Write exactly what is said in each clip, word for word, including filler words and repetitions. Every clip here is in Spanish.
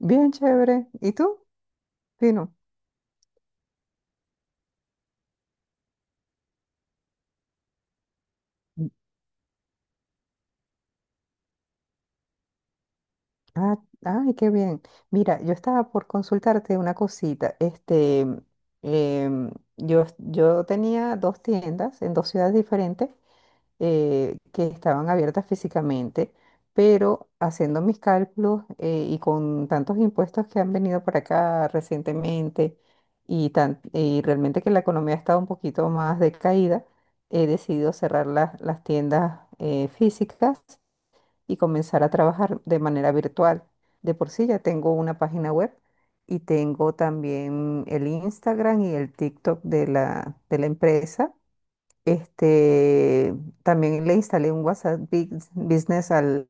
Bien chévere. ¿Y tú? Fino. Ah, ay, qué bien. Mira, yo estaba por consultarte una cosita. Este, em, yo, yo tenía dos tiendas en dos ciudades diferentes eh, que estaban abiertas físicamente, pero haciendo mis cálculos eh, y con tantos impuestos que han venido para acá recientemente y, tan, y realmente que la economía ha estado un poquito más decaída, he decidido cerrar las las tiendas eh, físicas y comenzar a trabajar de manera virtual. De por sí ya tengo una página web y tengo también el Instagram y el TikTok de la, de la empresa. Este, también le instalé un WhatsApp Bus- Business al,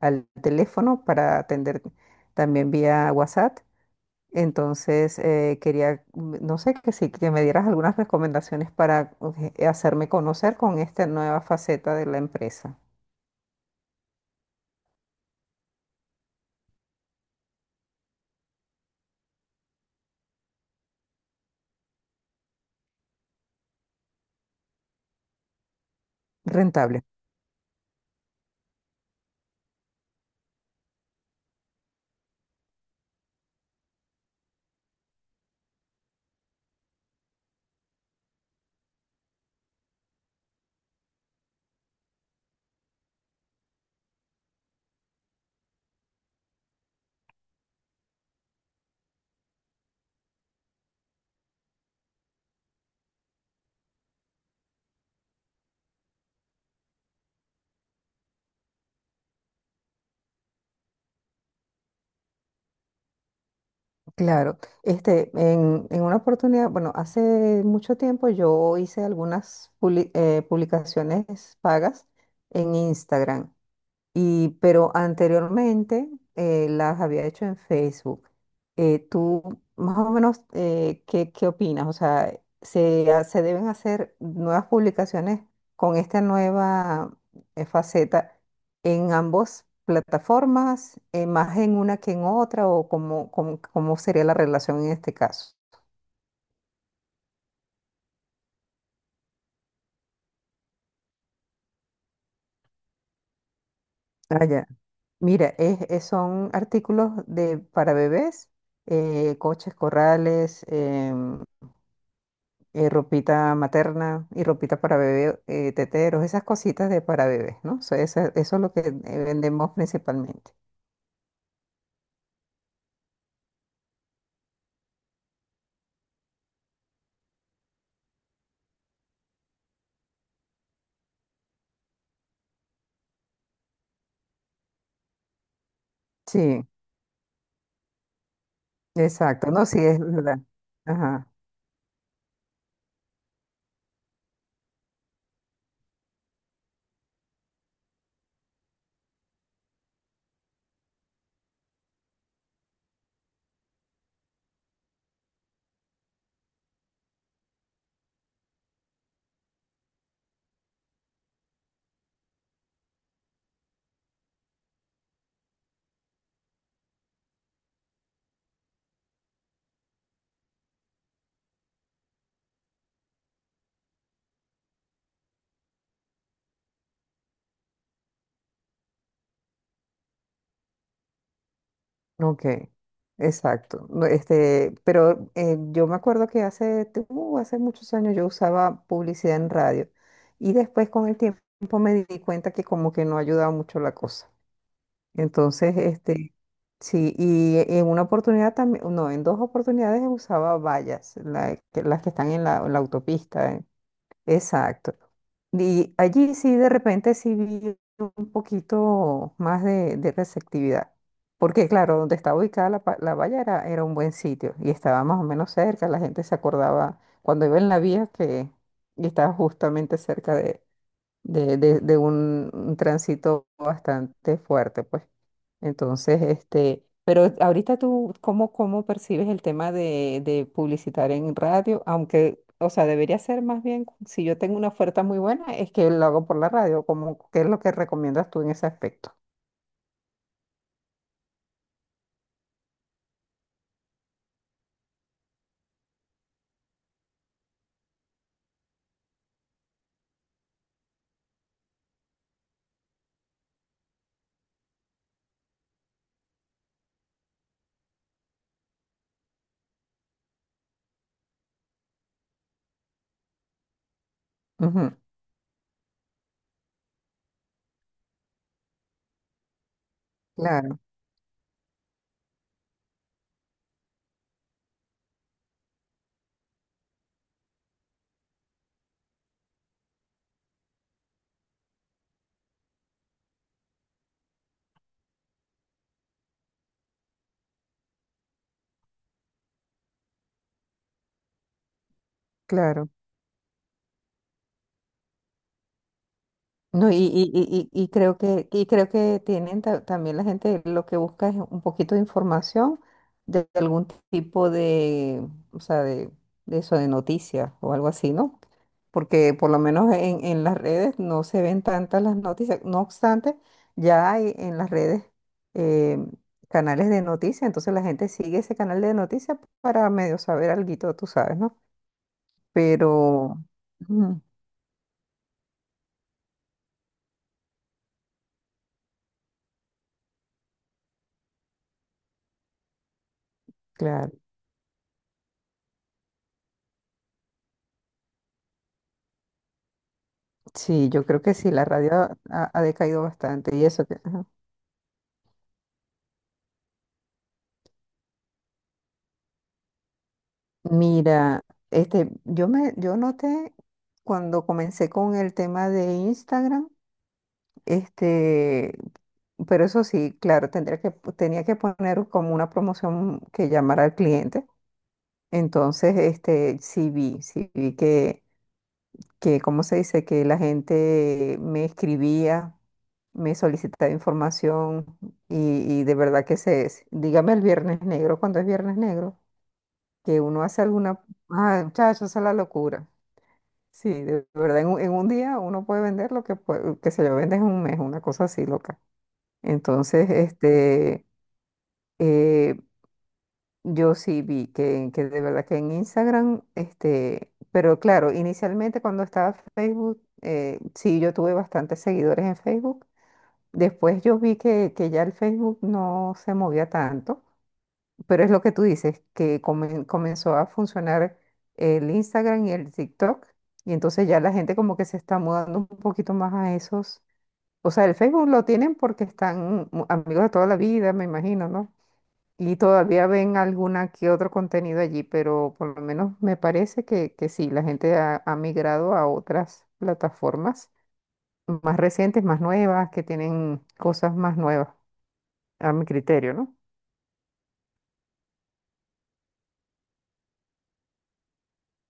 al teléfono para atender también vía WhatsApp. Entonces, eh, quería, mm, no sé, que si que me dieras algunas recomendaciones para eh, hacerme conocer con esta nueva faceta de la empresa rentable. Claro, este, en, en una oportunidad, bueno, hace mucho tiempo yo hice algunas publi- eh, publicaciones pagas en Instagram y, pero anteriormente eh, las había hecho en Facebook. Eh, ¿tú más o menos eh, qué, qué opinas? O sea, ¿se, ha- se deben hacer nuevas publicaciones con esta nueva eh, faceta en ambas plataformas, eh, más en una que en otra, o cómo, cómo, cómo sería la relación en este caso? Ah, ya. Mira, es, es- son artículos de, para bebés, eh, coches, corrales, em, eh, ropita materna y ropita para bebé, eh, teteros, esas cositas de para bebés, ¿no? So, esa- eso, es lo que eh, vendemos principalmente. Sí, exacto, no, sí, es verdad. Ajá, ok, exacto. No, este, pero eh, yo me acuerdo que hace, t- uh, hace muchos años yo usaba publicidad en radio y después con el tiempo me di cuenta que como que no ayudaba mucho la cosa. Entonces, este, sí, y en una oportunidad también, no, en dos oportunidades usaba vallas, la que- las que están en la, la autopista, ¿eh? Exacto. Y allí sí, de repente sí vi un poquito más de, de receptividad, porque claro, donde estaba ubicada la, pa- la valla era, era un buen sitio y estaba más o menos cerca, la gente se acordaba cuando iba en la vía que y estaba justamente cerca de, de, de- de un un tránsito bastante fuerte, pues. Entonces, este, pero ahorita tú, ¿cómo, cómo percibes el tema de, de publicitar en radio? Aunque, o sea, debería ser más bien, si yo tengo una oferta muy buena, es que lo hago por la radio, como, ¿qué es lo que recomiendas tú en ese aspecto? Ujú, claro, claro. No, y, y, y, y y creo que, y creo que tienen ta- también la gente lo que busca es un poquito de información de algún tipo de, o sea, de, de eso, de noticias o algo así, ¿no? Porque por lo menos en, en las redes no se ven tantas las noticias. No obstante, ya hay en las redes eh, canales de noticias, entonces la gente sigue ese canal de noticias para medio saber alguito, tú sabes, ¿no? Pero, ujú, claro. Sí, yo creo que sí, la radio ha, ha- ha decaído bastante y eso que... ajá. Mira, este, yo me, yo noté cuando comencé con el tema de Instagram, este, pero eso sí, claro, tendría que, tenía que poner como una promoción que llamara al cliente. Entonces, este, sí vi, sí vi que, que, ¿cómo se dice? Que la gente me escribía me solicitaba información y, y de verdad que se es. Dígame el viernes negro, cuando es viernes negro, que uno hace alguna... Ah, muchachos, esa es la locura. Sí, de verdad, en un, en un día uno puede vender lo que, puede, que se lo vende en un mes, una cosa así loca. Entonces, este, eh, yo sí vi que, que de verdad que en Instagram, este, pero claro, inicialmente cuando estaba Facebook, eh, sí, yo tuve bastantes seguidores en Facebook. Después yo vi que, que ya el Facebook no se movía tanto, pero es lo que tú dices, que comen- comenzó a funcionar el Instagram y el TikTok, y entonces ya la gente como que se está mudando un poquito más a esos. O sea, el Facebook lo tienen porque están mu- amigos de toda la vida, me imagino, ¿no? Y todavía ven alguna que otro contenido allí, pero por lo menos me parece que, que sí, la gente ha ha migrado a otras plataformas más recientes, más nuevas, que tienen cosas más nuevas a mi criterio, ¿no?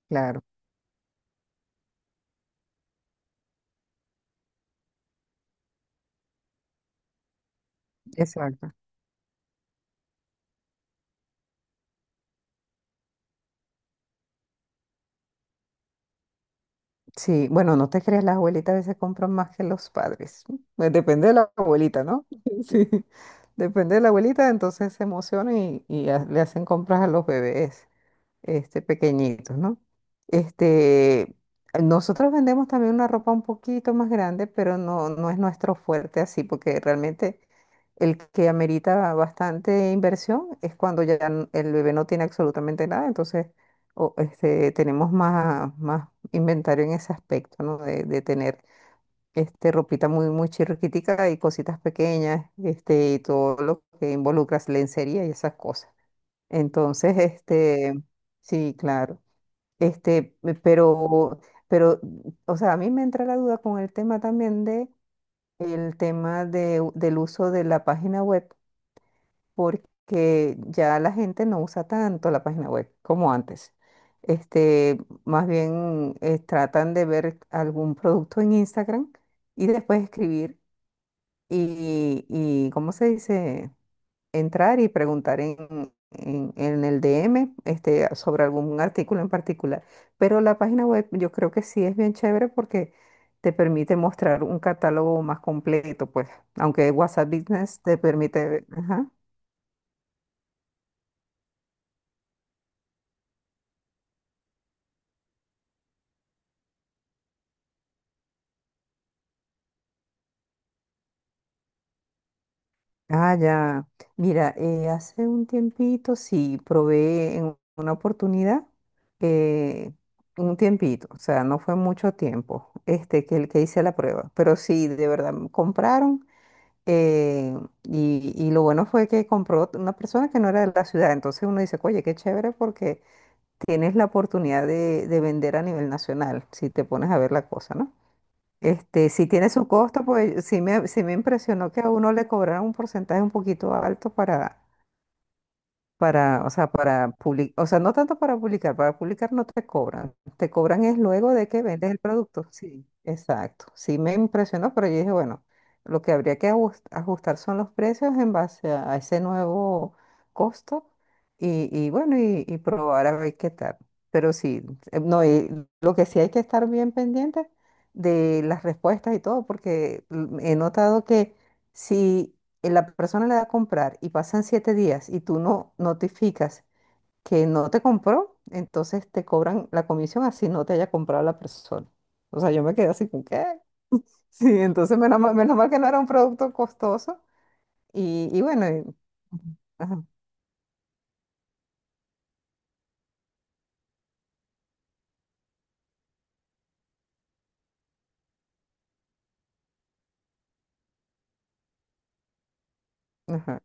Claro, exacto. Sí, bueno, no te creas, las abuelitas a veces compran más que los padres. Pues depende de la abuelita, ¿no? Sí, depende de la abuelita, entonces se emocionan y, y ha- le hacen compras a los bebés, este, pequeñitos, ¿no? Este, nosotros vendemos también una ropa un poquito más grande, pero no, no es nuestro fuerte así, porque realmente el que amerita bastante inversión es cuando ya n- el bebé no tiene absolutamente nada, entonces o, este, tenemos más, más inventario en ese aspecto, ¿no? De, de tener este, ropita muy, muy chirriquitica y cositas pequeñas, este, y todo lo que involucra lencería y esas cosas. Entonces, este, sí, claro. Este, eh, pero, pero, o sea, a mí me entra la duda con el tema también de el tema de u- del uso de la página web, porque ya la gente no usa tanto la página web como antes. Este, más bien eh, tratan de ver algún producto en Instagram y después escribir y, y ¿cómo se dice? Entrar y preguntar en, en- en el D M este, sobre algún artículo en particular. Pero la página web yo creo que sí es bien chévere porque te permite mostrar un catálogo más completo, pues, aunque WhatsApp Business te permite... Ajá. Ah, ya. Mira, eh, hace un tiempito sí probé en una oportunidad, eh, un tiempito, o sea, no fue mucho tiempo, este, que el que hice la prueba, pero sí, de verdad, me compraron. Eh, y, y lo bueno fue que compró una persona que no era de la ciudad. Entonces uno dice, oye, qué chévere porque tienes la oportunidad de, de vender a nivel nacional, si te pones a ver la cosa, ¿no? Este, si tiene su costo, pues sí me, sí me impresionó que a uno le cobraran un porcentaje un poquito alto para, para, o sea, para publicar, o sea, no tanto para publicar, para publicar no te cobran, te cobran es luego de que vendes el producto. Sí, exacto. Sí me impresionó, pero yo dije, bueno, lo que habría que ajus- ajustar son los precios en base a, a ese nuevo costo y, y bueno, y, y probar a ver qué tal. Pero sí, eh, no, y lo que sí hay que estar bien pendiente de las respuestas y todo, porque mm, he notado que si y la persona le da a comprar y pasan siete días y tú no notificas que no te compró, entonces te cobran la comisión así no te haya comprado la persona. O sea, yo me quedé así con qué. Sí, entonces menos mal, menos mal que no era un producto costoso. Y, y bueno, y- Ajá, ajá.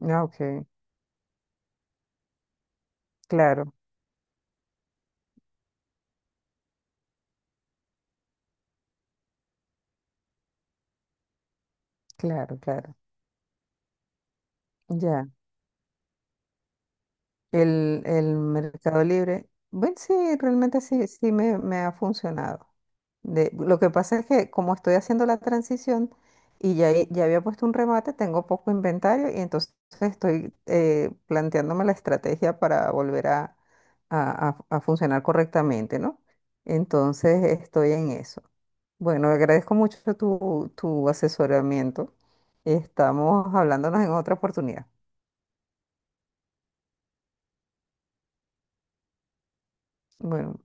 Ah, ok. Claro, claro, claro. Ya. El, el Mercado Libre, bueno, sí, realmente sí, sí me, me ha funcionado. De, lo que pasa es que como estoy haciendo la transición y ya, he- ya había puesto un remate, tengo poco inventario y entonces estoy eh, planteándome la estrategia para volver a, a- a- a funcionar correctamente, ¿no? Entonces estoy en eso. Bueno, agradezco mucho tu, tu asesoramiento. Estamos hablándonos en otra oportunidad. Bueno.